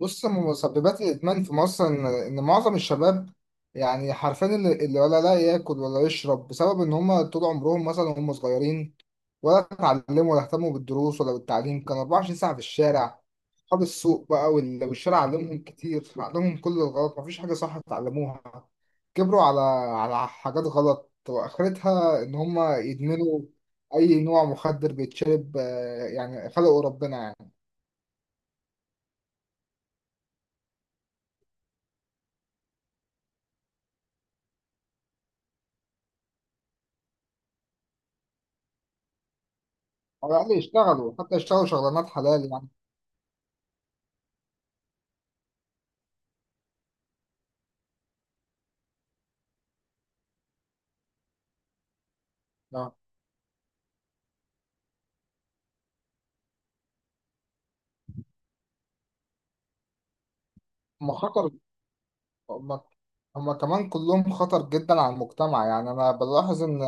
بص، من مسببات الإدمان في مصر إن معظم الشباب يعني حرفيا اللي ولا لا ياكل ولا يشرب بسبب إن هما طول عمرهم مثلا وهم صغيرين ولا اتعلموا ولا اهتموا بالدروس ولا بالتعليم، كانوا 24 ساعة في الشارع. أصحاب السوق بقى والشارع علمهم كتير، علمهم كل الغلط، مفيش حاجة صح اتعلموها. كبروا على حاجات غلط وآخرتها إن هما يدمنوا أي نوع مخدر بيتشرب. يعني خلقه ربنا يعني. على الأقل يشتغلوا، حتى يشتغلوا شغلانات حلال يعني. لو- ما خطر. هما هما كمان كلهم خطر جدا على المجتمع. يعني أنا بلاحظ إن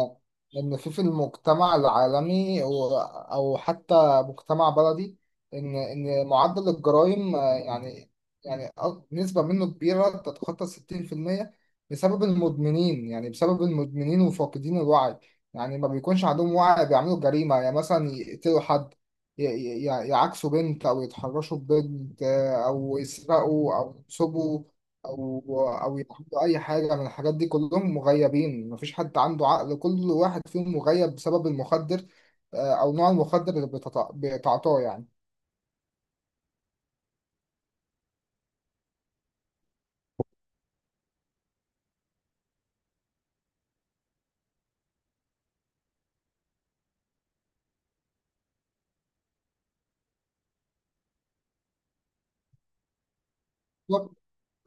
في المجتمع العالمي أو حتى مجتمع بلدي، إن معدل الجرائم، يعني، يعني نسبة منه كبيرة تتخطى 60% بسبب المدمنين، يعني بسبب المدمنين وفاقدين الوعي. يعني ما بيكونش عندهم وعي، بيعملوا جريمة، يعني مثلا يقتلوا حد، يعاكسوا بنت أو يتحرشوا ببنت، أو يسرقوا أو يسبوا او او يعملوا اي حاجه من الحاجات دي. كلهم مغيبين، مفيش حد عنده عقل، كل واحد فيهم مغيب بسبب المخدر، آه، او نوع المخدر اللي بتعاطاه يعني.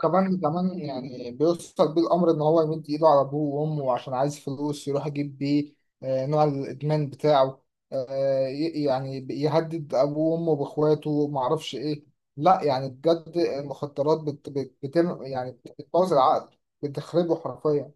كمان يعني بيوصل بيه الامر ان هو يمد ايده على ابوه وامه عشان عايز فلوس يروح يجيب بيه، نوع الادمان بتاعه. يعني يهدد ابوه وامه باخواته معرفش ايه. لا يعني بجد المخدرات بت بت بتم، يعني بتبوظ العقل، بتخربه حرفيا.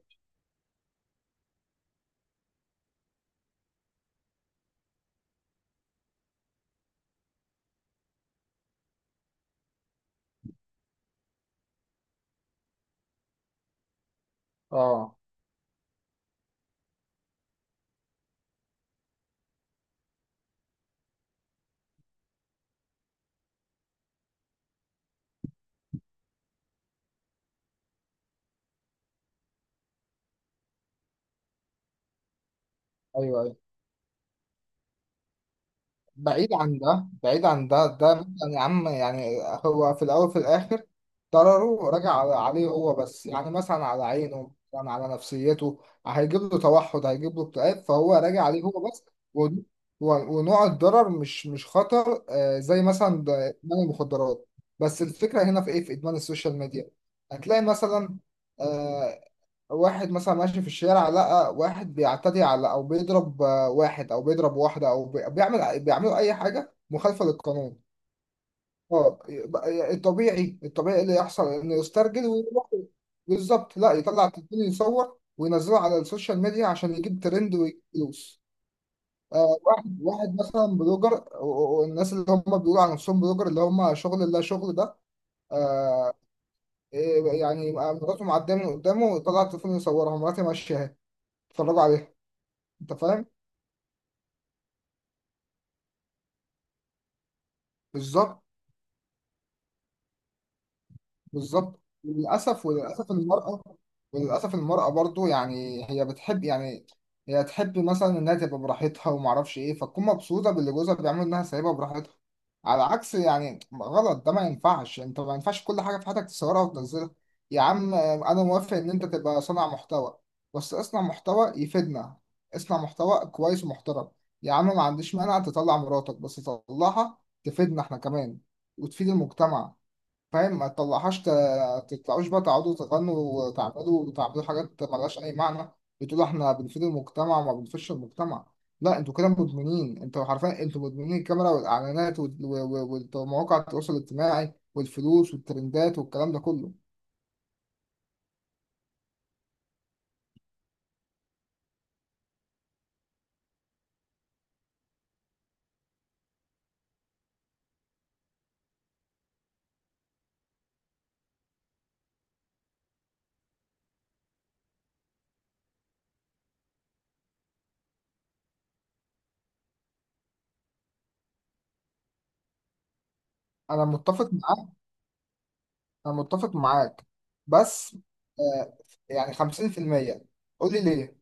اه، ايوه ايوه. بعيد عن ده، بعيد عن ده، ده مثلا يا عم يعني هو في الاول في الاخر ضرره راجع عليه هو بس. يعني مثلا على عينه، مثلا على نفسيته، هيجيب له توحد، هيجيب له اكتئاب، فهو راجع عليه هو بس. و- ونوع الضرر مش خطر، زي مثلا ده ادمان المخدرات. بس الفكره هنا في ايه؟ في ادمان السوشيال ميديا هتلاقي مثلا، آه، واحد مثلا ماشي في الشارع لقى واحد بيعتدي على او بيضرب، واحد او بيضرب واحده او بيعملوا اي حاجه مخالفه للقانون. اه، يبقى الطبيعي، الطبيعي اللي يحصل انه يسترجل ويروح. بالظبط، لا، يطلع التليفون يصور وينزله على السوشيال ميديا عشان يجيب ترند ويجيب فلوس. واحد مثلا بلوجر، والناس اللي هم بيقولوا على نفسهم بلوجر، اللي هم شغل، لا شغل ده؟ آه. إيه يعني؟ يبقى مراته معديه من قدامه ويطلع التليفون يصورها، مراتي ماشيه اهي، اتفرجوا عليها. انت فاهم؟ بالظبط. بالظبط وللاسف، وللاسف المراه برضو، يعني هي بتحب يعني، هي تحب مثلا انها تبقى براحتها وما اعرفش ايه، فتكون مبسوطه باللي جوزها بيعمله، انها سايبها براحتها. على عكس يعني، غلط ده، ما ينفعش انت، ما ينفعش كل حاجه في حياتك تصورها وتنزلها. يا عم انا موافق ان انت تبقى صانع محتوى، بس اصنع محتوى يفيدنا، اصنع محتوى كويس ومحترم. يا عم ما عنديش مانع تطلع مراتك، بس تطلعها تفيدنا احنا كمان، وتفيد المجتمع. فاهم؟ ما تطلعهاش تطلعوش بقى تقعدوا تغنوا وتعملوا، وتعملوا حاجات ملهاش أي معنى، بتقولوا إحنا بنفيد المجتمع وما بنفيدش المجتمع. لا، انتوا كده مدمنين، انتوا حرفيا انتوا مدمنين الكاميرا والاعلانات ومواقع التواصل الاجتماعي والفلوس والترندات والكلام ده كله. انا متفق معاك، انا متفق معاك، بس آه يعني 50%. قول لي ليه؟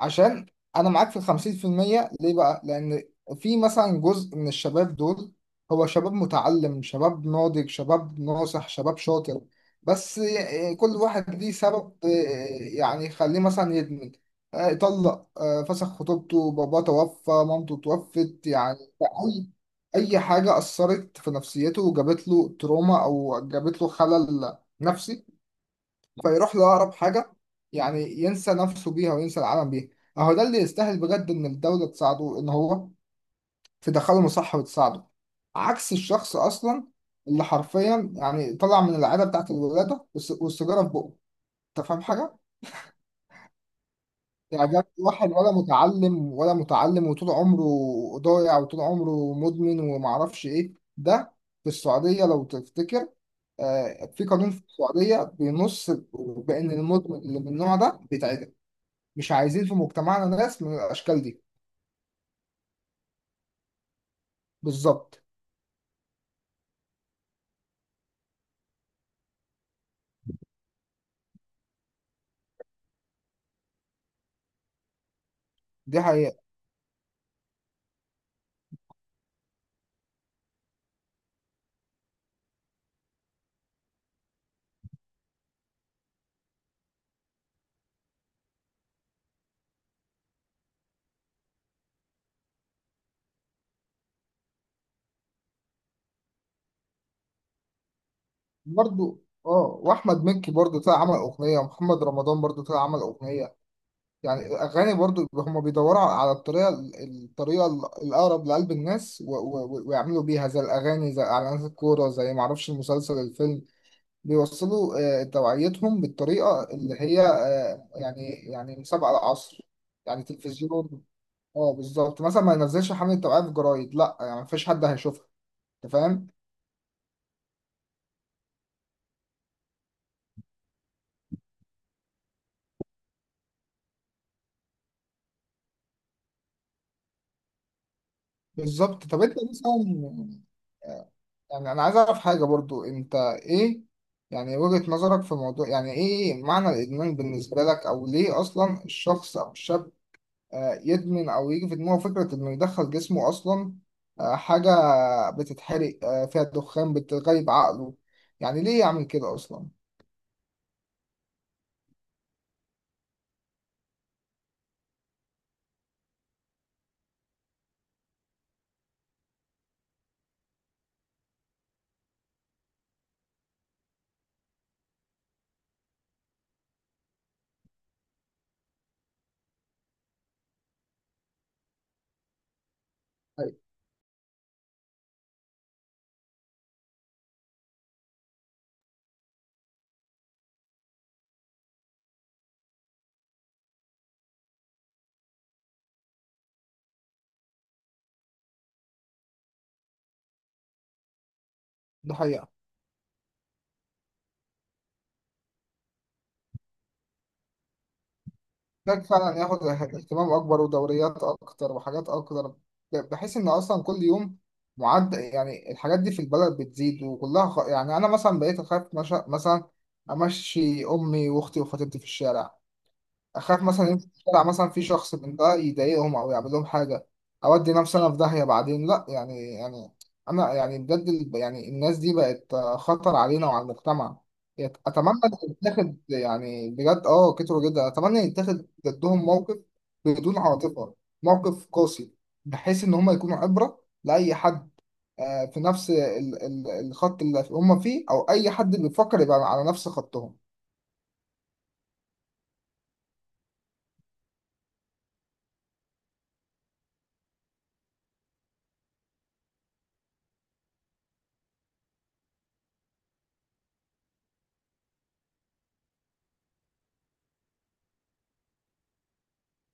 عشان انا معاك في 50%. ليه بقى؟ لان في مثلا جزء من الشباب دول، هو شباب متعلم، شباب ناضج، شباب ناصح، شباب شاطر، بس كل واحد ليه سبب، يعني يخليه مثلا يدمن. طلق، فسخ خطوبته، باباه توفى، مامته توفت، يعني اي، اي حاجه اثرت في نفسيته وجابت له تروما او جابت له خلل نفسي، فيروح لأقرب حاجة يعني ينسى نفسه بيها وينسى العالم بيها. أهو ده اللي يستاهل بجد إن الدولة تساعده، إن هو تدخله مصحة وتساعده، عكس الشخص أصلا اللي حرفيا يعني طلع من العادة بتاعت الولادة والسيجارة في بقه. أنت فاهم حاجة؟ يعني ده واحد ولا متعلم، ولا متعلم وطول عمره ضايع، وطول عمره مدمن ومعرفش إيه ده. في السعودية، لو تفتكر، في قانون في السعودية بينص بأن المدمن اللي من النوع ده بيتعدم. مش عايزين في مجتمعنا ناس من الاشكال دي. بالظبط. دي حقيقة. برضو اه، واحمد مكي برضو طلع عمل اغنية، ومحمد رمضان برضو طلع عمل اغنية. يعني الاغاني برضو، هم بيدوروا على الطريقة، الطريقة الاقرب لقلب الناس، ويعملوا بيها زي الاغاني، زي اعلانات الكورة، زي معرفش المسلسل، الفيلم. بيوصلوا توعيتهم بالطريقة اللي هي، يعني يعني مسابقة العصر يعني، تلفزيون. اه بالظبط. مثلا ما ينزلش حملة توعية في جرايد، لا يعني مفيش حد هيشوفها. انت فاهم؟ بالظبط. طب انت مثلا، يعني انا عايز اعرف حاجه برضو، انت ايه يعني وجهه نظرك في الموضوع؟ يعني ايه معنى الادمان بالنسبه لك؟ او ليه اصلا الشخص او الشاب يدمن؟ او يجي في دماغه فكره انه يدخل جسمه اصلا حاجه بتتحرق فيها دخان، بتغيب عقله؟ يعني ليه يعمل كده اصلا؟ أيوة، ده حقيقه. محتاج فعلا ياخد اهتمام اكبر، ودوريات اكتر، وحاجات اكتر، بحيث ان اصلا كل يوم معد، يعني الحاجات دي في البلد بتزيد وكلها خ... يعني انا مثلا بقيت اخاف، مش مثلا امشي امي واختي وخطيبتي في الشارع، اخاف مثلا يمشي في الشارع مثلا في شخص من ده يضايقهم او يعمل لهم حاجه، اودي نفسي انا في داهيه بعدين لا يعني يعني، انا يعني بجد يعني الناس دي بقت خطر علينا وعلى المجتمع. اتمنى ان يتاخد، يعني بجد اه كتروا جدا، اتمنى يتاخد ضدهم موقف بدون عاطفه، موقف قاسي، بحيث ان هم يكونوا عبره لاي حد في نفس الخط اللي هم فيه، او اي حد بيفكر يبقى على نفس خطهم.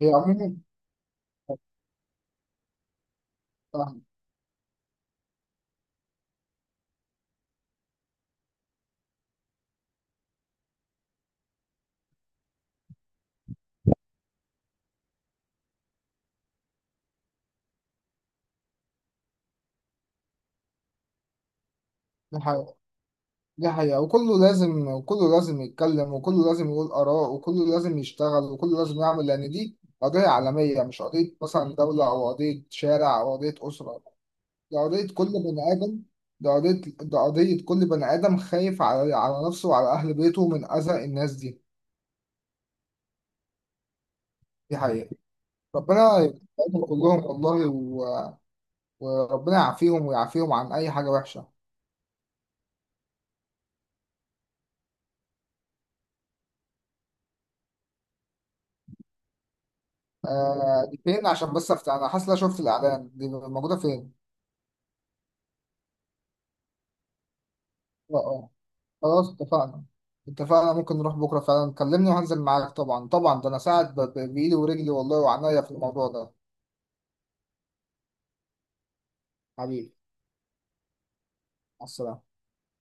هي عموما آه، دي حقيقة. دي حقيقة، وكله لازم، وكله لازم يتكلم، وكله لازم يقول آراء، وكله لازم يشتغل، وكله لازم يعمل، لأن دي قضية عالمية، مش قضية مثلا دولة أو قضية شارع أو قضية أسرة. دي قضية كل بني آدم. دي قضية كل بني آدم خايف على على نفسه وعلى أهل بيته من أذى الناس دي. دي حقيقة. ربنا يبارك كلهم والله، و... وربنا يعافيهم ويعافيهم عن أي حاجة وحشة. آه، دي فين؟ عشان بس أفتح، أنا حاسس إن أنا شفت الإعلان، دي موجودة فين؟ اه آه. خلاص اتفقنا. اتفقنا، ممكن نروح بكرة فعلا، كلمني وهنزل معاك، طبعا طبعا، ده أنا ساعد بإيدي ورجلي والله وعناية في الموضوع ده. حبيبي، مع السلامة.